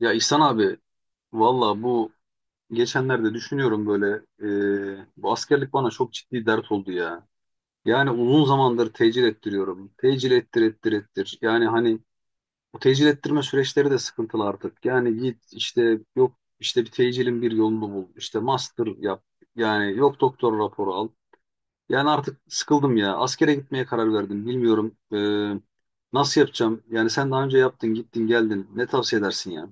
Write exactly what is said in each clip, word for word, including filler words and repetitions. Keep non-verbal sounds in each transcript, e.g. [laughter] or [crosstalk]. Ya İhsan abi, valla bu geçenlerde düşünüyorum böyle, e, bu askerlik bana çok ciddi dert oldu ya. Yani uzun zamandır tecil ettiriyorum. Tecil ettir ettir ettir. Yani hani bu tecil ettirme süreçleri de sıkıntılı artık. Yani git işte, yok işte, bir tecilin bir yolunu bul. İşte master yap. Yani yok, doktor raporu al. Yani artık sıkıldım ya. Askere gitmeye karar verdim. Bilmiyorum e, nasıl yapacağım. Yani sen daha önce yaptın, gittin, geldin. Ne tavsiye edersin ya?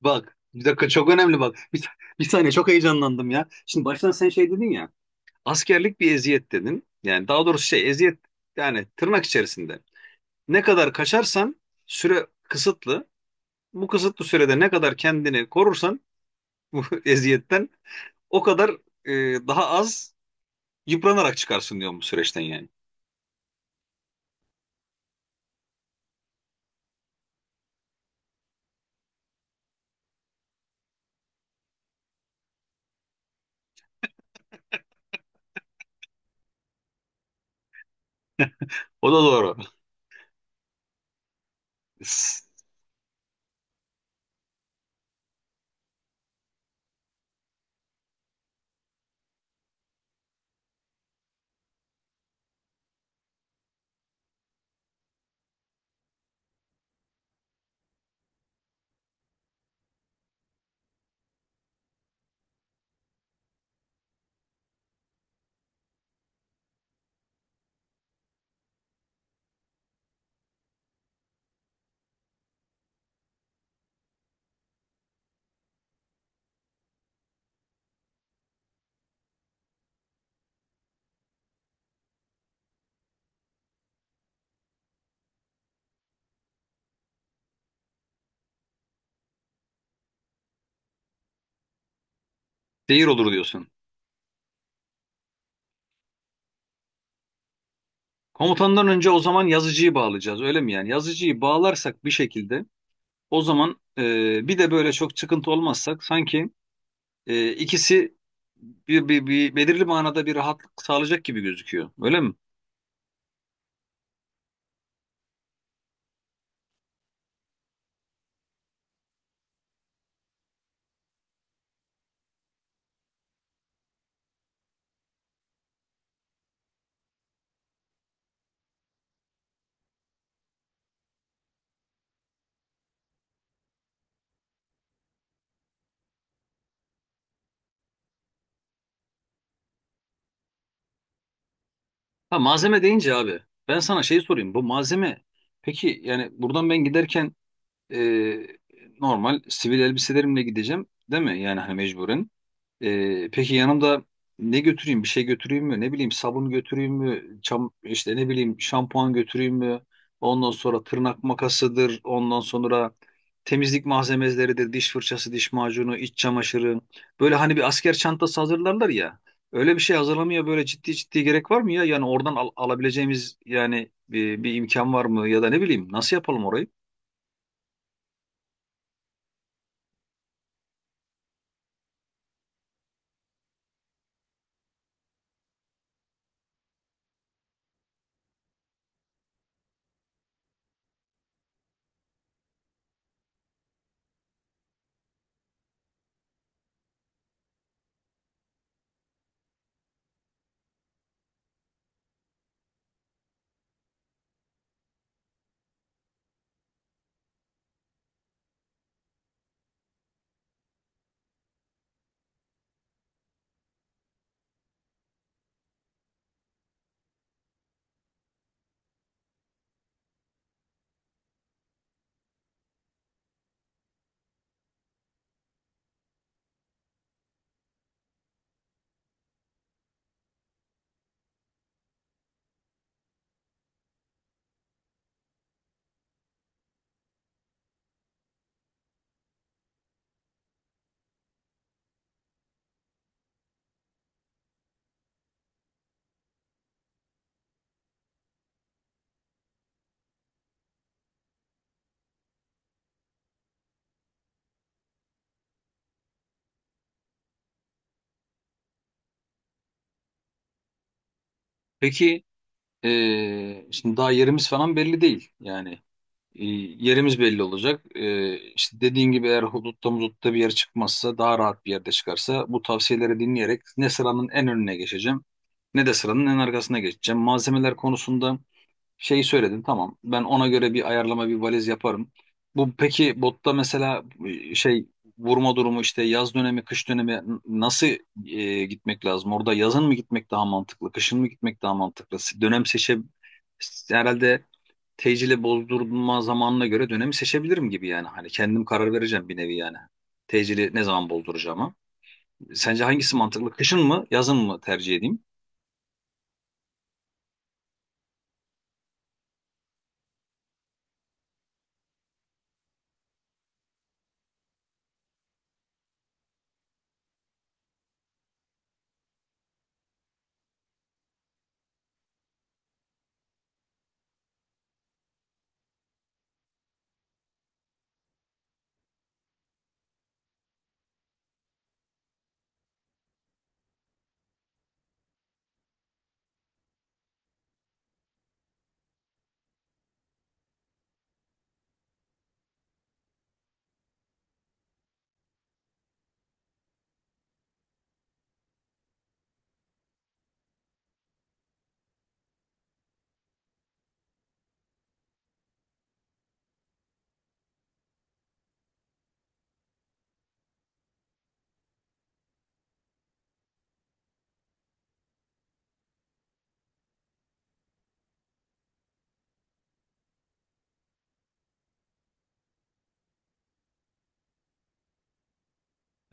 Bak bir dakika, çok önemli, bak. Bir, bir saniye, çok heyecanlandım ya. Şimdi baştan sen şey dedin ya. Askerlik bir eziyet dedin. Yani daha doğrusu şey, eziyet, yani tırnak içerisinde. Ne kadar kaçarsan, süre kısıtlı. Bu kısıtlı sürede ne kadar kendini korursan bu [laughs] eziyetten o kadar e, daha az yıpranarak çıkarsın diyorum, bu süreçten yani. O da doğru. Zehir olur diyorsun. Komutandan önce o zaman yazıcıyı bağlayacağız, öyle mi yani? Yazıcıyı bağlarsak bir şekilde, o zaman e, bir de böyle çok çıkıntı olmazsak, sanki e, ikisi bir, bir, bir belirli manada bir rahatlık sağlayacak gibi gözüküyor. Öyle mi? Ha, malzeme deyince abi, ben sana şey sorayım. Bu malzeme peki, yani buradan ben giderken e, normal sivil elbiselerimle gideceğim, değil mi? Yani hani mecburen. Ee, peki yanımda ne götüreyim? Bir şey götüreyim mi? Ne bileyim, sabun götüreyim mi? Çam, işte ne bileyim, şampuan götüreyim mi? Ondan sonra tırnak makasıdır. Ondan sonra temizlik malzemeleridir. Diş fırçası, diş macunu, iç çamaşırı. Böyle hani bir asker çantası hazırlarlar ya. Öyle bir şey hazırlamaya böyle ciddi ciddi gerek var mı ya? Yani oradan al- alabileceğimiz yani bir, bir imkan var mı? Ya da ne bileyim, nasıl yapalım orayı? Peki, ee, şimdi daha yerimiz falan belli değil. Yani. E, Yerimiz belli olacak. E, işte dediğin gibi, eğer hudutta mudutta bir yer çıkmazsa, daha rahat bir yerde çıkarsa, bu tavsiyeleri dinleyerek ne sıranın en önüne geçeceğim, ne de sıranın en arkasına geçeceğim. Malzemeler konusunda şeyi söyledin, tamam, ben ona göre bir ayarlama, bir valiz yaparım. Bu peki, botta mesela, e, şey vurma durumu, işte yaz dönemi, kış dönemi, n- nasıl e, gitmek lazım? Orada yazın mı gitmek daha mantıklı, kışın mı gitmek daha mantıklı? Dönem seçe herhalde tecile bozdurma zamanına göre dönemi seçebilirim gibi yani. Hani kendim karar vereceğim bir nevi yani. Tecili ne zaman bozduracağıma. Sence hangisi mantıklı? Kışın mı, yazın mı tercih edeyim?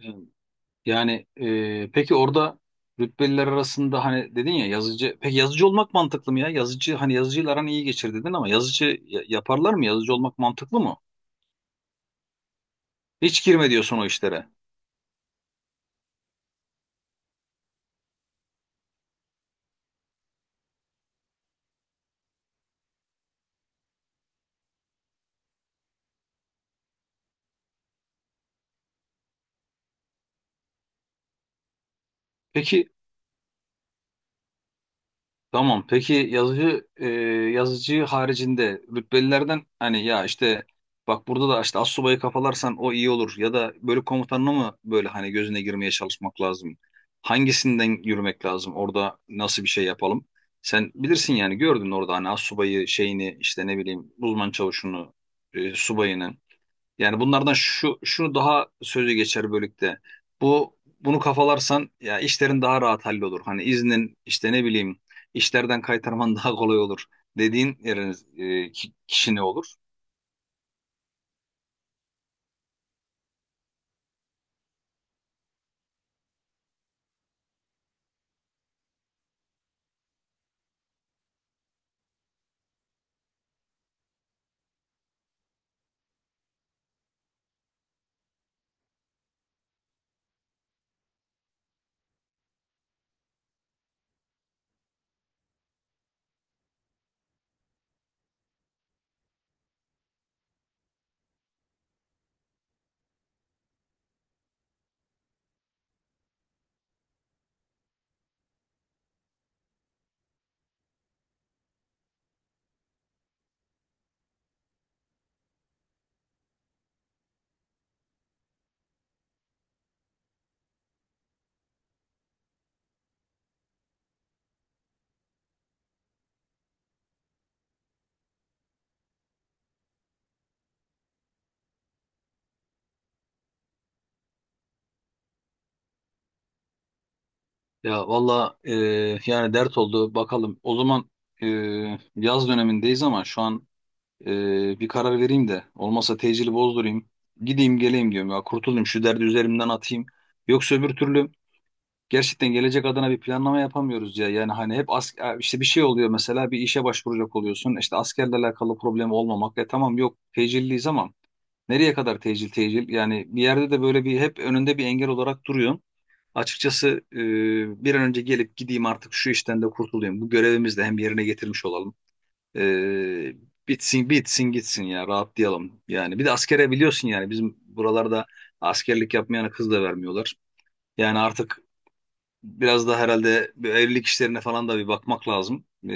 Ee, Yani, e, peki orada rütbeliler arasında, hani dedin ya, yazıcı. Peki yazıcı olmak mantıklı mı ya? Yazıcı, hani yazıcıyla aran iyi geçir dedin, ama yazıcı ya- yaparlar mı? Yazıcı olmak mantıklı mı? Hiç girme diyorsun o işlere. Peki. Tamam. Peki yazıcı e, yazıcı haricinde rütbelilerden, hani ya işte, bak burada da işte astsubayı kafalarsan o iyi olur, ya da bölük komutanına mı böyle, hani gözüne girmeye çalışmak lazım? Hangisinden yürümek lazım? Orada nasıl bir şey yapalım? Sen bilirsin yani, gördün orada, hani astsubayı şeyini, işte ne bileyim, uzman çavuşunu, e, subayını. Yani bunlardan şu şu daha sözü geçer bölükte. Bu bunu kafalarsan ya, işlerin daha rahat hallolur. Hani iznin, işte ne bileyim, işlerden kaytarman [laughs] daha kolay olur dediğin yerin, e, ki- kişi ne olur? Ya valla, e, yani dert oldu bakalım. O zaman e, yaz dönemindeyiz ama şu an e, bir karar vereyim de, olmasa tecili bozdurayım. Gideyim geleyim diyorum ya, kurtulayım şu derdi, üzerimden atayım. Yoksa öbür türlü gerçekten gelecek adına bir planlama yapamıyoruz ya. Yani hani hep as işte bir şey oluyor, mesela bir işe başvuracak oluyorsun. İşte askerlerle alakalı problem olmamak. E tamam, yok, tecilliyiz ama nereye kadar tecil tecil? Yani bir yerde de böyle bir, hep önünde bir engel olarak duruyor. Açıkçası e, bir an önce gelip gideyim artık, şu işten de kurtulayım. Bu görevimizi de hem yerine getirmiş olalım. E, Bitsin bitsin gitsin ya, rahatlayalım. Yani bir de askere, biliyorsun yani bizim buralarda askerlik yapmayana kız da vermiyorlar. Yani artık biraz da herhalde bir evlilik işlerine falan da bir bakmak lazım. Ee,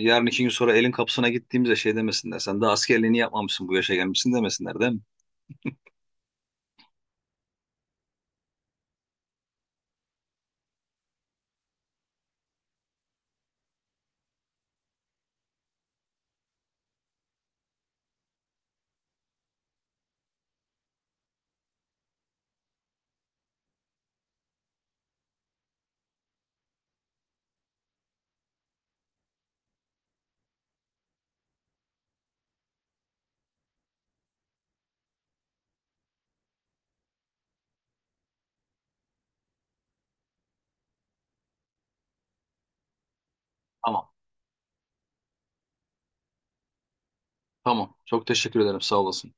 Yarın iki gün sonra elin kapısına gittiğimizde şey demesinler: sen daha askerliğini yapmamışsın, bu yaşa gelmişsin, demesinler, değil mi? Tamam. Tamam. Çok teşekkür ederim. Sağ olasın.